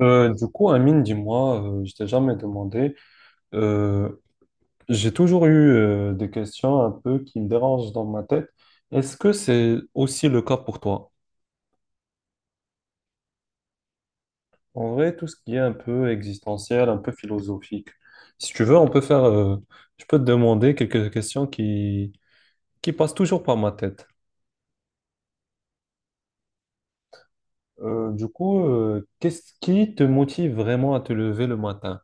Du coup, Amine, dis-moi, je t'ai jamais demandé, euh, j'ai toujours eu des questions un peu qui me dérangent dans ma tête. Est-ce que c'est aussi le cas pour toi? En vrai, tout ce qui est un peu existentiel, un peu philosophique. Si tu veux, on peut faire, je peux te demander quelques questions qui passent toujours par ma tête. Du coup, qu'est-ce qui te motive vraiment à te lever le matin?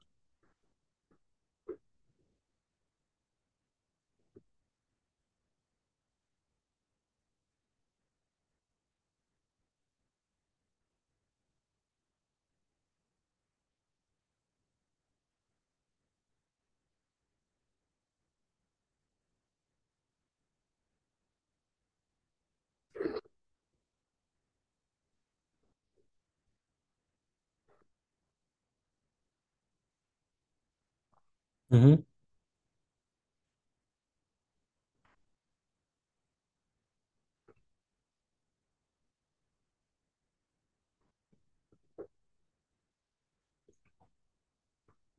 Mhm.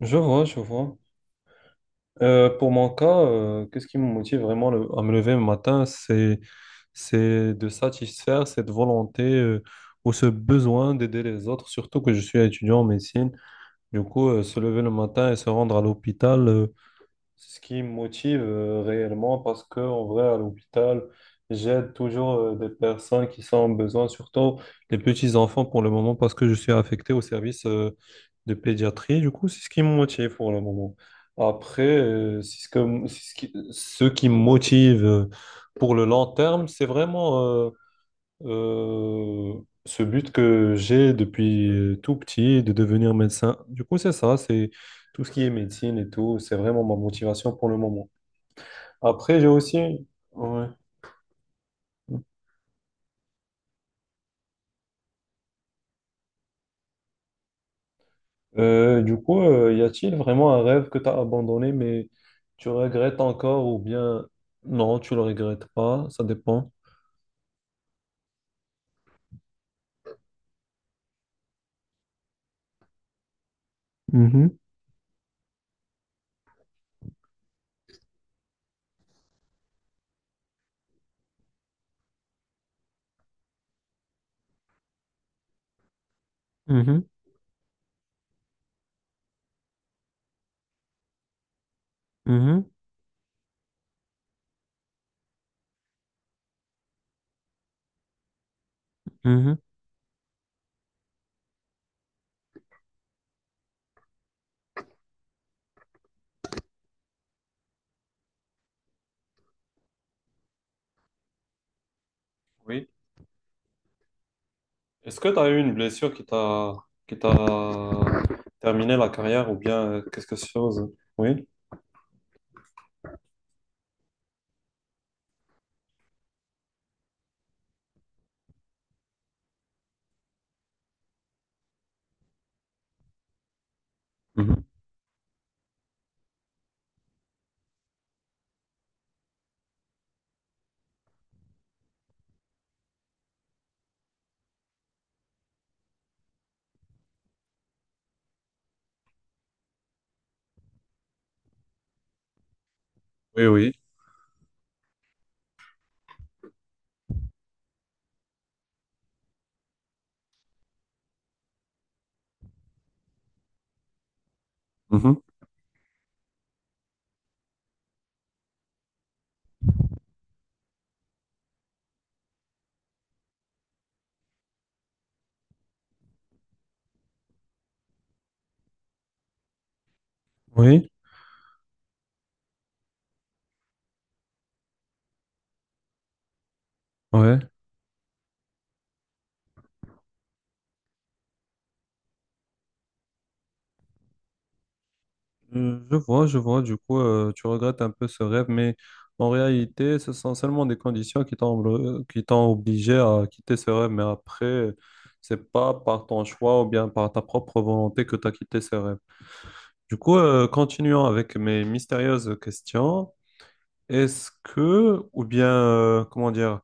Je vois, je vois. Pour mon cas, qu'est-ce qui me motive vraiment à me lever le matin, c'est de satisfaire cette volonté ou ce besoin d'aider les autres, surtout que je suis étudiant en médecine. Du coup, se lever le matin et se rendre à l'hôpital, c'est ce qui me motive réellement, parce que en vrai à l'hôpital j'aide toujours des personnes qui sont en besoin, surtout les petits enfants pour le moment, parce que je suis affecté au service de pédiatrie. Du coup, c'est ce qui me motive pour le moment. Après c'est ce qui me motive pour le long terme, c'est vraiment euh, ce but que j'ai depuis tout petit de devenir médecin. Du coup, c'est ça, c'est tout ce qui est médecine et tout, c'est vraiment ma motivation pour le moment. Après, j'ai aussi... Ouais. Du coup, y a-t-il vraiment un rêve que tu as abandonné, mais tu regrettes encore, ou bien non, tu le regrettes pas, ça dépend. Mhm, mhm, mhm, mhm. Oui. Est-ce que tu as eu une blessure qui t'a terminé la carrière, ou bien qu'est-ce que c'est chose? Oui. Mhm. Oui, oui. Mhm. Oui, ouais. Je vois, je vois. Du coup, tu regrettes un peu ce rêve, mais en réalité, ce sont seulement des conditions qui qui t'ont obligé à quitter ce rêve. Mais après, c'est pas par ton choix ou bien par ta propre volonté que tu as quitté ce rêve. Du coup, continuons avec mes mystérieuses questions. Est-ce que, ou bien, comment dire,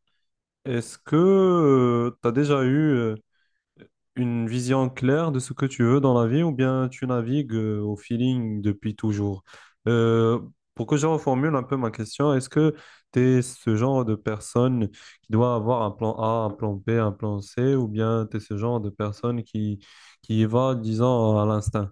est-ce que tu as déjà eu une vision claire de ce que tu veux dans la vie, ou bien tu navigues au feeling depuis toujours? Euh, pour que je reformule un peu ma question, est-ce que tu es ce genre de personne qui doit avoir un plan A, un plan B, un plan C, ou bien tu es ce genre de personne qui y va, disons, à l'instinct?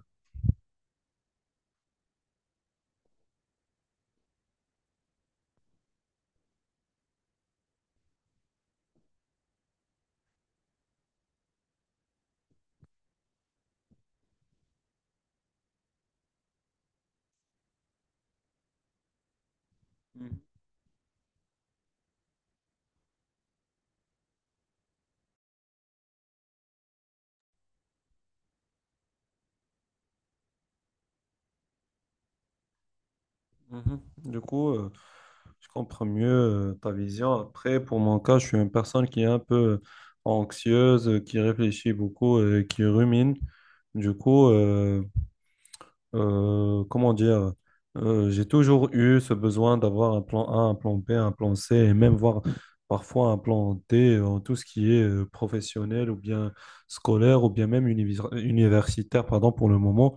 Mhm. Du coup, je comprends mieux ta vision. Après, pour mon cas, je suis une personne qui est un peu anxieuse, qui réfléchit beaucoup et qui rumine. Du coup, comment dire, j'ai toujours eu ce besoin d'avoir un plan A, un plan B, un plan C et même voir parfois un plan D en tout ce qui est professionnel ou bien scolaire ou bien même universitaire, pardon, pour le moment.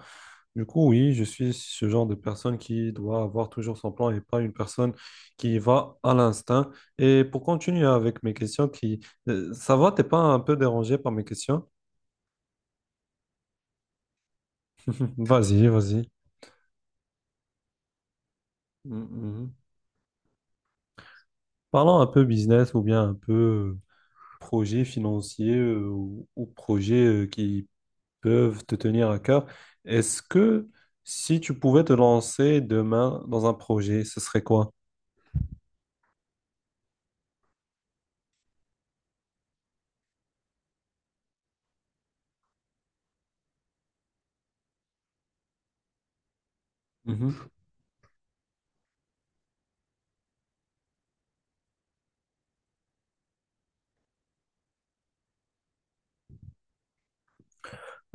Du coup, oui, je suis ce genre de personne qui doit avoir toujours son plan et pas une personne qui va à l'instinct. Et pour continuer avec mes questions qui... Ça va, t'es pas un peu dérangé par mes questions? Vas-y, vas-y. Mm, mhm. Parlons un peu business ou bien un peu projet financier ou projet qui peuvent te tenir à cœur. Est-ce que si tu pouvais te lancer demain dans un projet, ce serait quoi?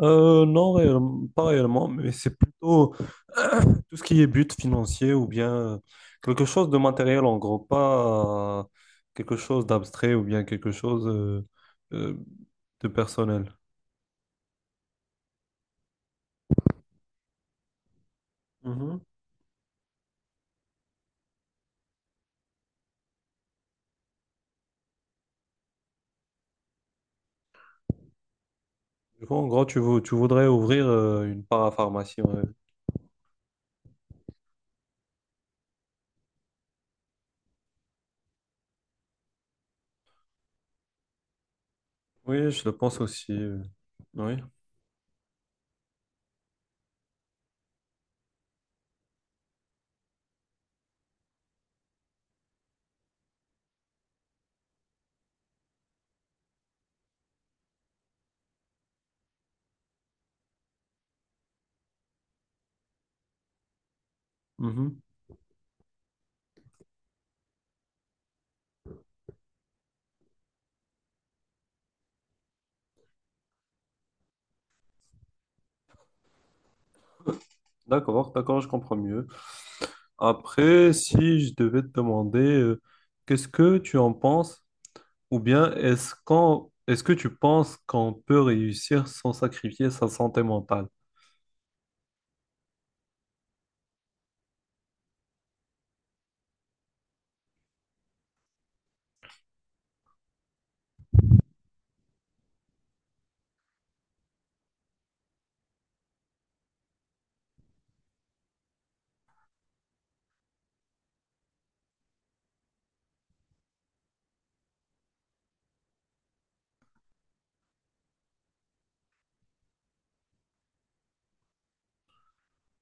Non, pas réellement, mais c'est plutôt tout ce qui est but financier ou bien quelque chose de matériel en gros, pas quelque chose d'abstrait ou bien quelque chose euh, de personnel. Mhm. Du coup, en gros, tu voudrais ouvrir une parapharmacie. Ouais. Oui, je le pense aussi. Oui. Mhm. D'accord, d'accord, je comprends mieux. Après, si je devais te demander, qu'est-ce que tu en penses? Ou bien est-ce que tu penses qu'on peut réussir sans sacrifier sa santé mentale?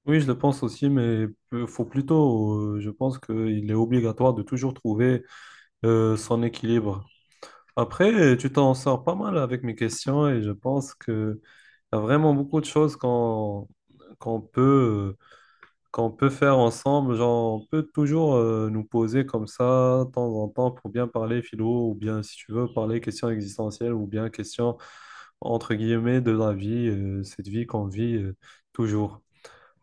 Oui, je le pense aussi, mais faut plutôt, je pense qu'il est obligatoire de toujours trouver son équilibre. Après, tu t'en sors pas mal avec mes questions et je pense qu'il y a vraiment beaucoup de choses qu'on peut qu'on peut faire ensemble. Genre, on peut toujours nous poser comme ça, de temps en temps, pour bien parler philo, ou bien, si tu veux, parler questions existentielles, ou bien questions, entre guillemets, de la vie, cette vie qu'on vit toujours.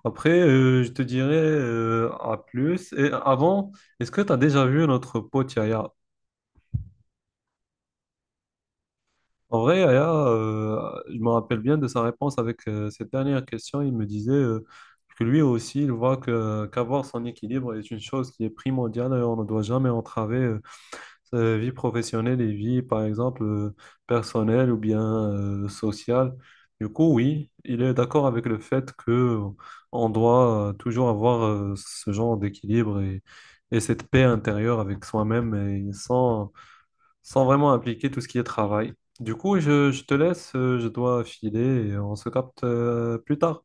Après, je te dirais à plus. Et avant, est-ce que tu as déjà vu notre pote Yaya? En vrai, Aya, je me rappelle bien de sa réponse avec cette dernière question. Il me disait que lui aussi, il voit que qu'avoir son équilibre est une chose qui est primordiale et on ne doit jamais entraver sa vie professionnelle et vie, par exemple, personnelle ou bien sociale. Du coup, oui, il est d'accord avec le fait que on doit toujours avoir ce genre d'équilibre, et cette paix intérieure avec soi-même et sans vraiment impliquer tout ce qui est travail. Du coup, je te laisse, je dois filer et on se capte plus tard.